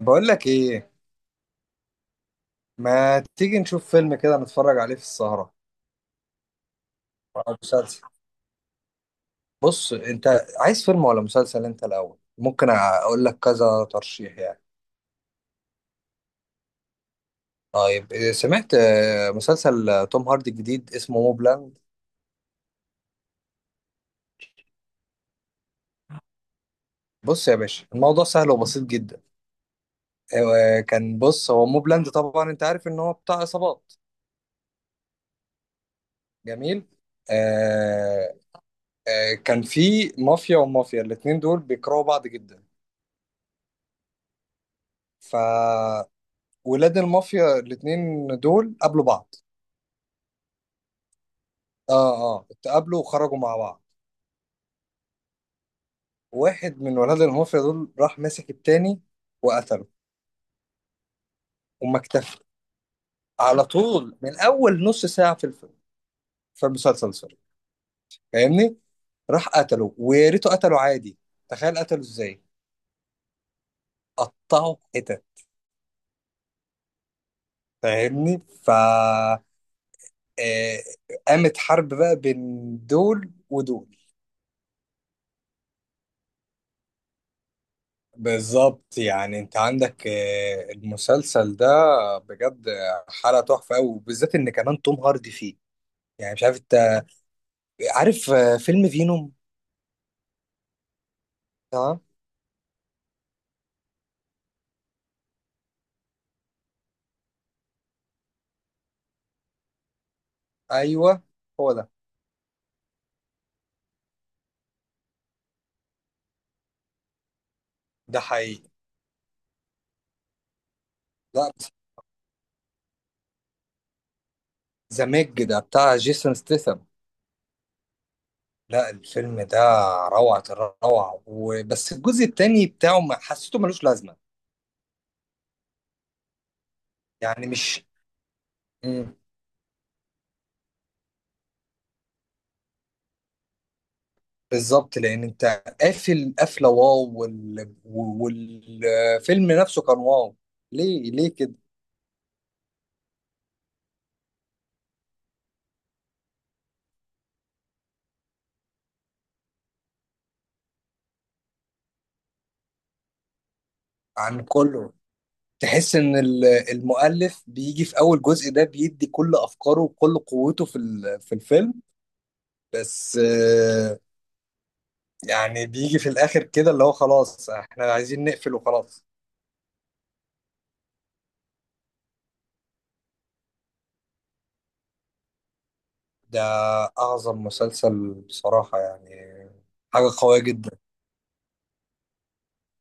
بقول لك ايه؟ ما تيجي نشوف فيلم كده نتفرج عليه في السهرة، أو مسلسل؟ بص انت، عايز فيلم ولا مسلسل انت الاول؟ ممكن اقول لك كذا ترشيح يعني. طيب، إيه، سمعت مسلسل توم هاردي الجديد اسمه موبلاند. بص يا باشا، الموضوع سهل وبسيط جدا. آه، كان بص، هو موبلاند طبعا انت عارف ان هو بتاع عصابات. جميل. آه. كان في مافيا ومافيا، الاتنين دول بيكرهوا بعض جدا. ف ولاد المافيا الاتنين دول قابلوا بعض. اه اتقابلوا وخرجوا مع بعض. واحد من ولاد المافيا دول راح ماسك التاني وقتله. وما اكتفى، على طول من اول نص ساعة في الفيلم، في المسلسل سوري، فاهمني؟ راح قتله، ويا ريته قتله عادي. تخيل قتله ازاي؟ قطعه حتت، فاهمني؟ ف آه، قامت حرب بقى بين دول ودول. بالظبط يعني، انت عندك المسلسل ده بجد حلقة تحفة قوي، وبالذات ان كمان توم هاردي فيه. يعني مش عارف انت، عارف فيلم فينوم؟ تمام. ايوه، هو ده. ده حقيقي. لا. ذا ميج ده بتاع جيسون ستيثم. لا، الفيلم ده روعة الروعة، وبس الجزء التاني بتاعه ما حسيته ملوش لازمة. يعني مش. بالضبط، لأن أنت قافل قفلة واو، والفيلم نفسه كان واو. ليه كده؟ عن كله. تحس إن المؤلف بيجي في أول جزء ده بيدي كل أفكاره وكل قوته في الفيلم. بس يعني بيجي في الآخر كده، اللي هو خلاص إحنا عايزين نقفل وخلاص. ده أعظم مسلسل بصراحة يعني. حاجة قوية جدا.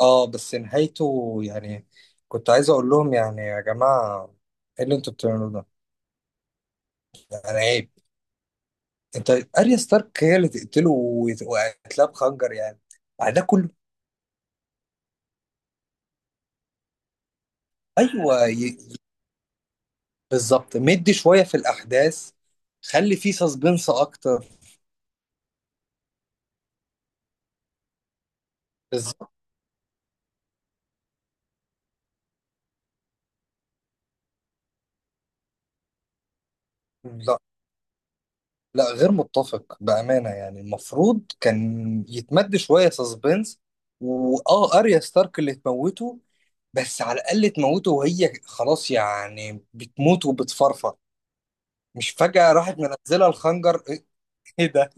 اه، بس نهايته يعني، كنت عايز اقول لهم يعني، يا جماعه، ايه اللي انتوا بتعملوه ده؟ يعني عيب. انت. اريا ستارك هي اللي تقتله، وقتلها بخنجر يعني، بعد ده كله؟ ايوه. بالظبط، مدي شويه في الاحداث، خلي فيه سسبنس اكتر. بالظبط. لا لا، غير متفق بامانه، يعني المفروض كان يتمد شويه سسبنس. واه، اريا ستارك اللي تموته، بس على الاقل تموته وهي خلاص، يعني بتموت وبتفرفر، مش فجأة راحت منزلة الخنجر ايه ده؟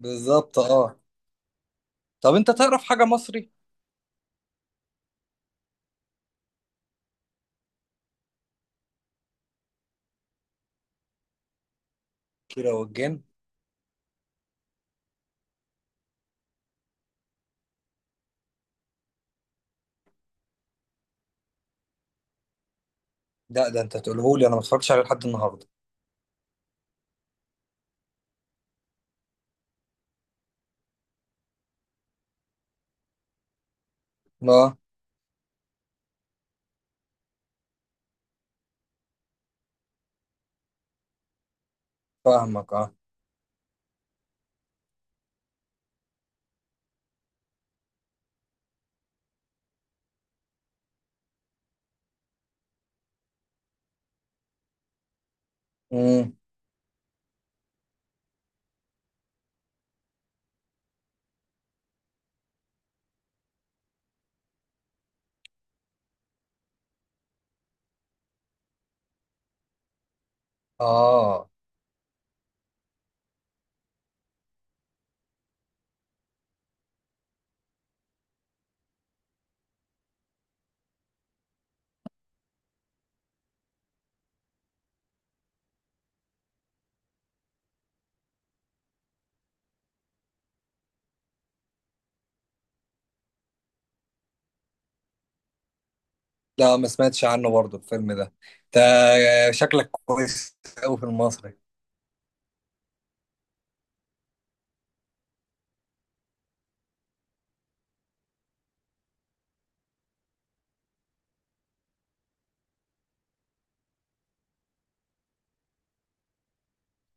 بالظبط اه. طب انت تعرف حاجة مصري؟ كيرة والجن. لا، ده انت تقولهولي، انا ما اتفرجتش عليه لحد النهارده. اه، فاهمك اه. امم. اه، لا ما سمعتش عنه برضه الفيلم ده. انت شكلك كويس قوي في المصري.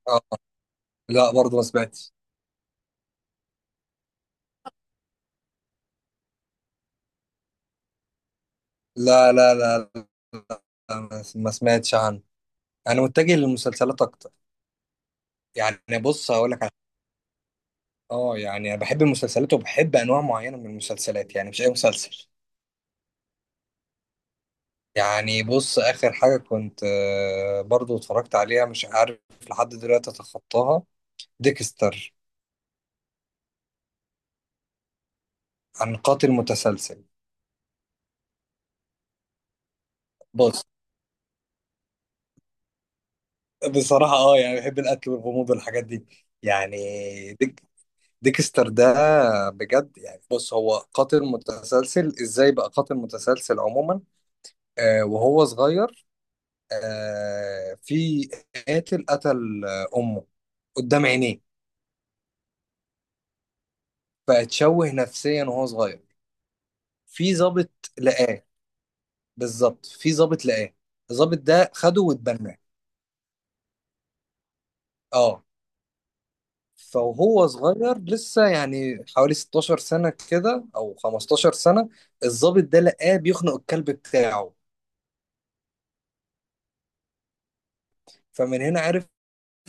اه. لا، برضه ما سمعتش. لا، لا، لا، لا، لا، ما سمعتش عنه. انا متجه للمسلسلات اكتر. يعني بص، هقول لك. اه، يعني انا بحب المسلسلات، وبحب انواع معينه من المسلسلات، يعني مش اي مسلسل. يعني بص، اخر حاجه كنت برضو اتفرجت عليها، مش عارف لحد دلوقتي اتخطاها، ديكستر. عن قاتل متسلسل. بص، بصراحه اه، يعني بحب القتل والغموض والحاجات دي. يعني ديك ديكستر ده بجد، يعني بص هو قاتل متسلسل. ازاي بقى قاتل متسلسل عموما؟ وهو صغير، في قاتل قتل امه قدام عينيه. فاتشوه نفسيا وهو صغير. في ضابط لقاه. بالظبط، في ضابط لقاه. الضابط ده خده واتبناه. اه. فهو صغير لسه، يعني حوالي 16 سنة كده أو 15 سنة، الضابط ده لقاه بيخنق الكلب بتاعه. فمن هنا عرف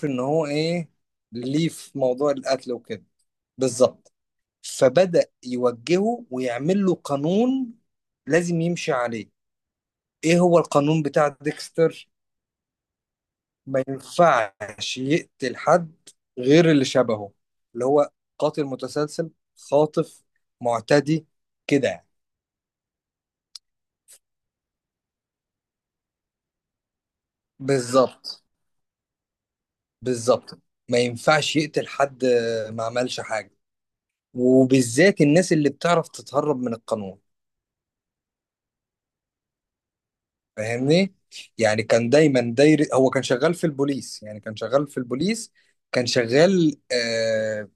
إن هو إيه، ليه في موضوع القتل وكده. بالظبط. فبدأ يوجهه ويعمل له قانون لازم يمشي عليه. إيه هو القانون بتاع ديكستر؟ ما ينفعش يقتل حد غير اللي شبهه، اللي هو قاتل متسلسل، خاطف، معتدي، كده يعني. بالظبط. بالظبط، ما ينفعش يقتل حد ما عملش حاجة، وبالذات الناس اللي بتعرف تتهرب من القانون، فاهمني؟ يعني كان دايما داير، هو كان شغال في البوليس، يعني كان شغال في البوليس. كان شغال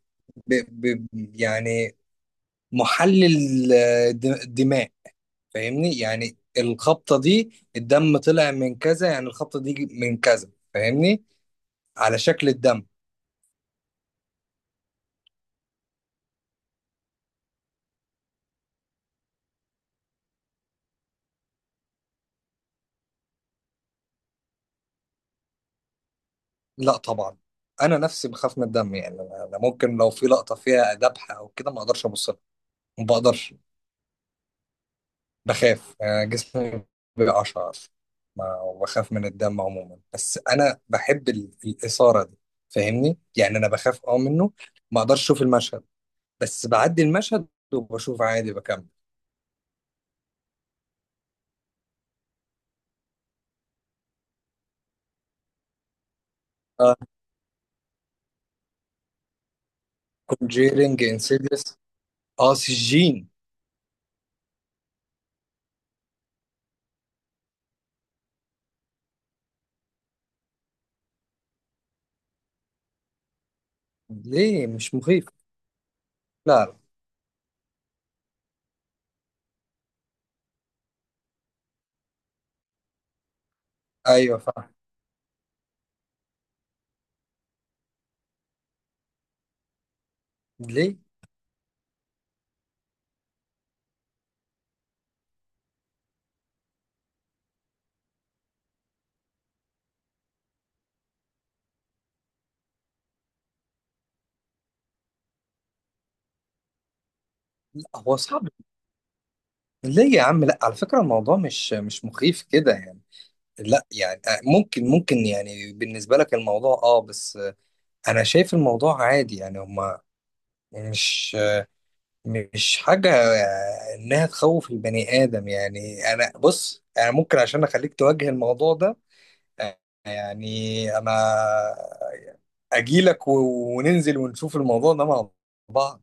ب... ب... يعني محلل دماء، فاهمني؟ يعني الخبطة دي الدم طلع من كذا، يعني الخبطة دي من كذا، فاهمني؟ على شكل الدم. لا طبعا، انا نفسي بخاف من الدم، يعني أنا ممكن لو في لقطة فيها ذبحة او كده ما اقدرش ابص لها. ما بقدرش. بخاف، أنا جسمي بيقشعر، ما بخاف من الدم عموما، بس انا بحب الإثارة دي، فاهمني؟ يعني انا بخاف منه، ما اقدرش اشوف المشهد، بس بعدي المشهد وبشوف عادي بكمل. اه، كونجيرنج، انسيديوس. اه، سجين. ليه، مش مخيف؟ لا، لا. ايوه، فاهم. ليه؟ لا، هو صعب. ليه يا عم، لا، على فكره الموضوع مش مخيف كده يعني. لا يعني ممكن يعني، بالنسبه لك الموضوع بس انا شايف الموضوع عادي يعني، هما مش آه، مش حاجه انها تخوف البني ادم. يعني انا بص، انا ممكن عشان اخليك تواجه الموضوع ده آه، يعني انا اجيلك وننزل ونشوف الموضوع ده مع بعض.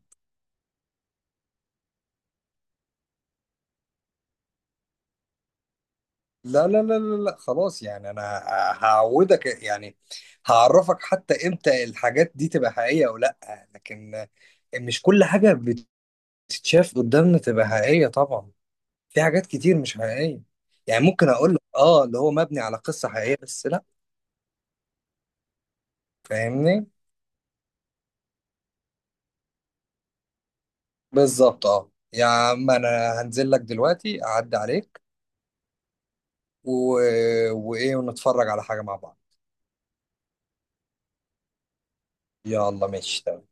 لا، لا، لا، لا، لا، خلاص يعني انا هعودك يعني، هعرفك حتى امتى الحاجات دي تبقى حقيقية او لا. لكن مش كل حاجة بتتشاف قدامنا تبقى حقيقية طبعا، في حاجات كتير مش حقيقية. يعني ممكن اقول لك اللي هو مبني على قصة حقيقية، بس لا. فاهمني؟ بالظبط اه، يا عم انا هنزل لك دلوقتي اعدي عليك و... وايه، ونتفرج على حاجة مع بعض. يلا ماشي، تمام.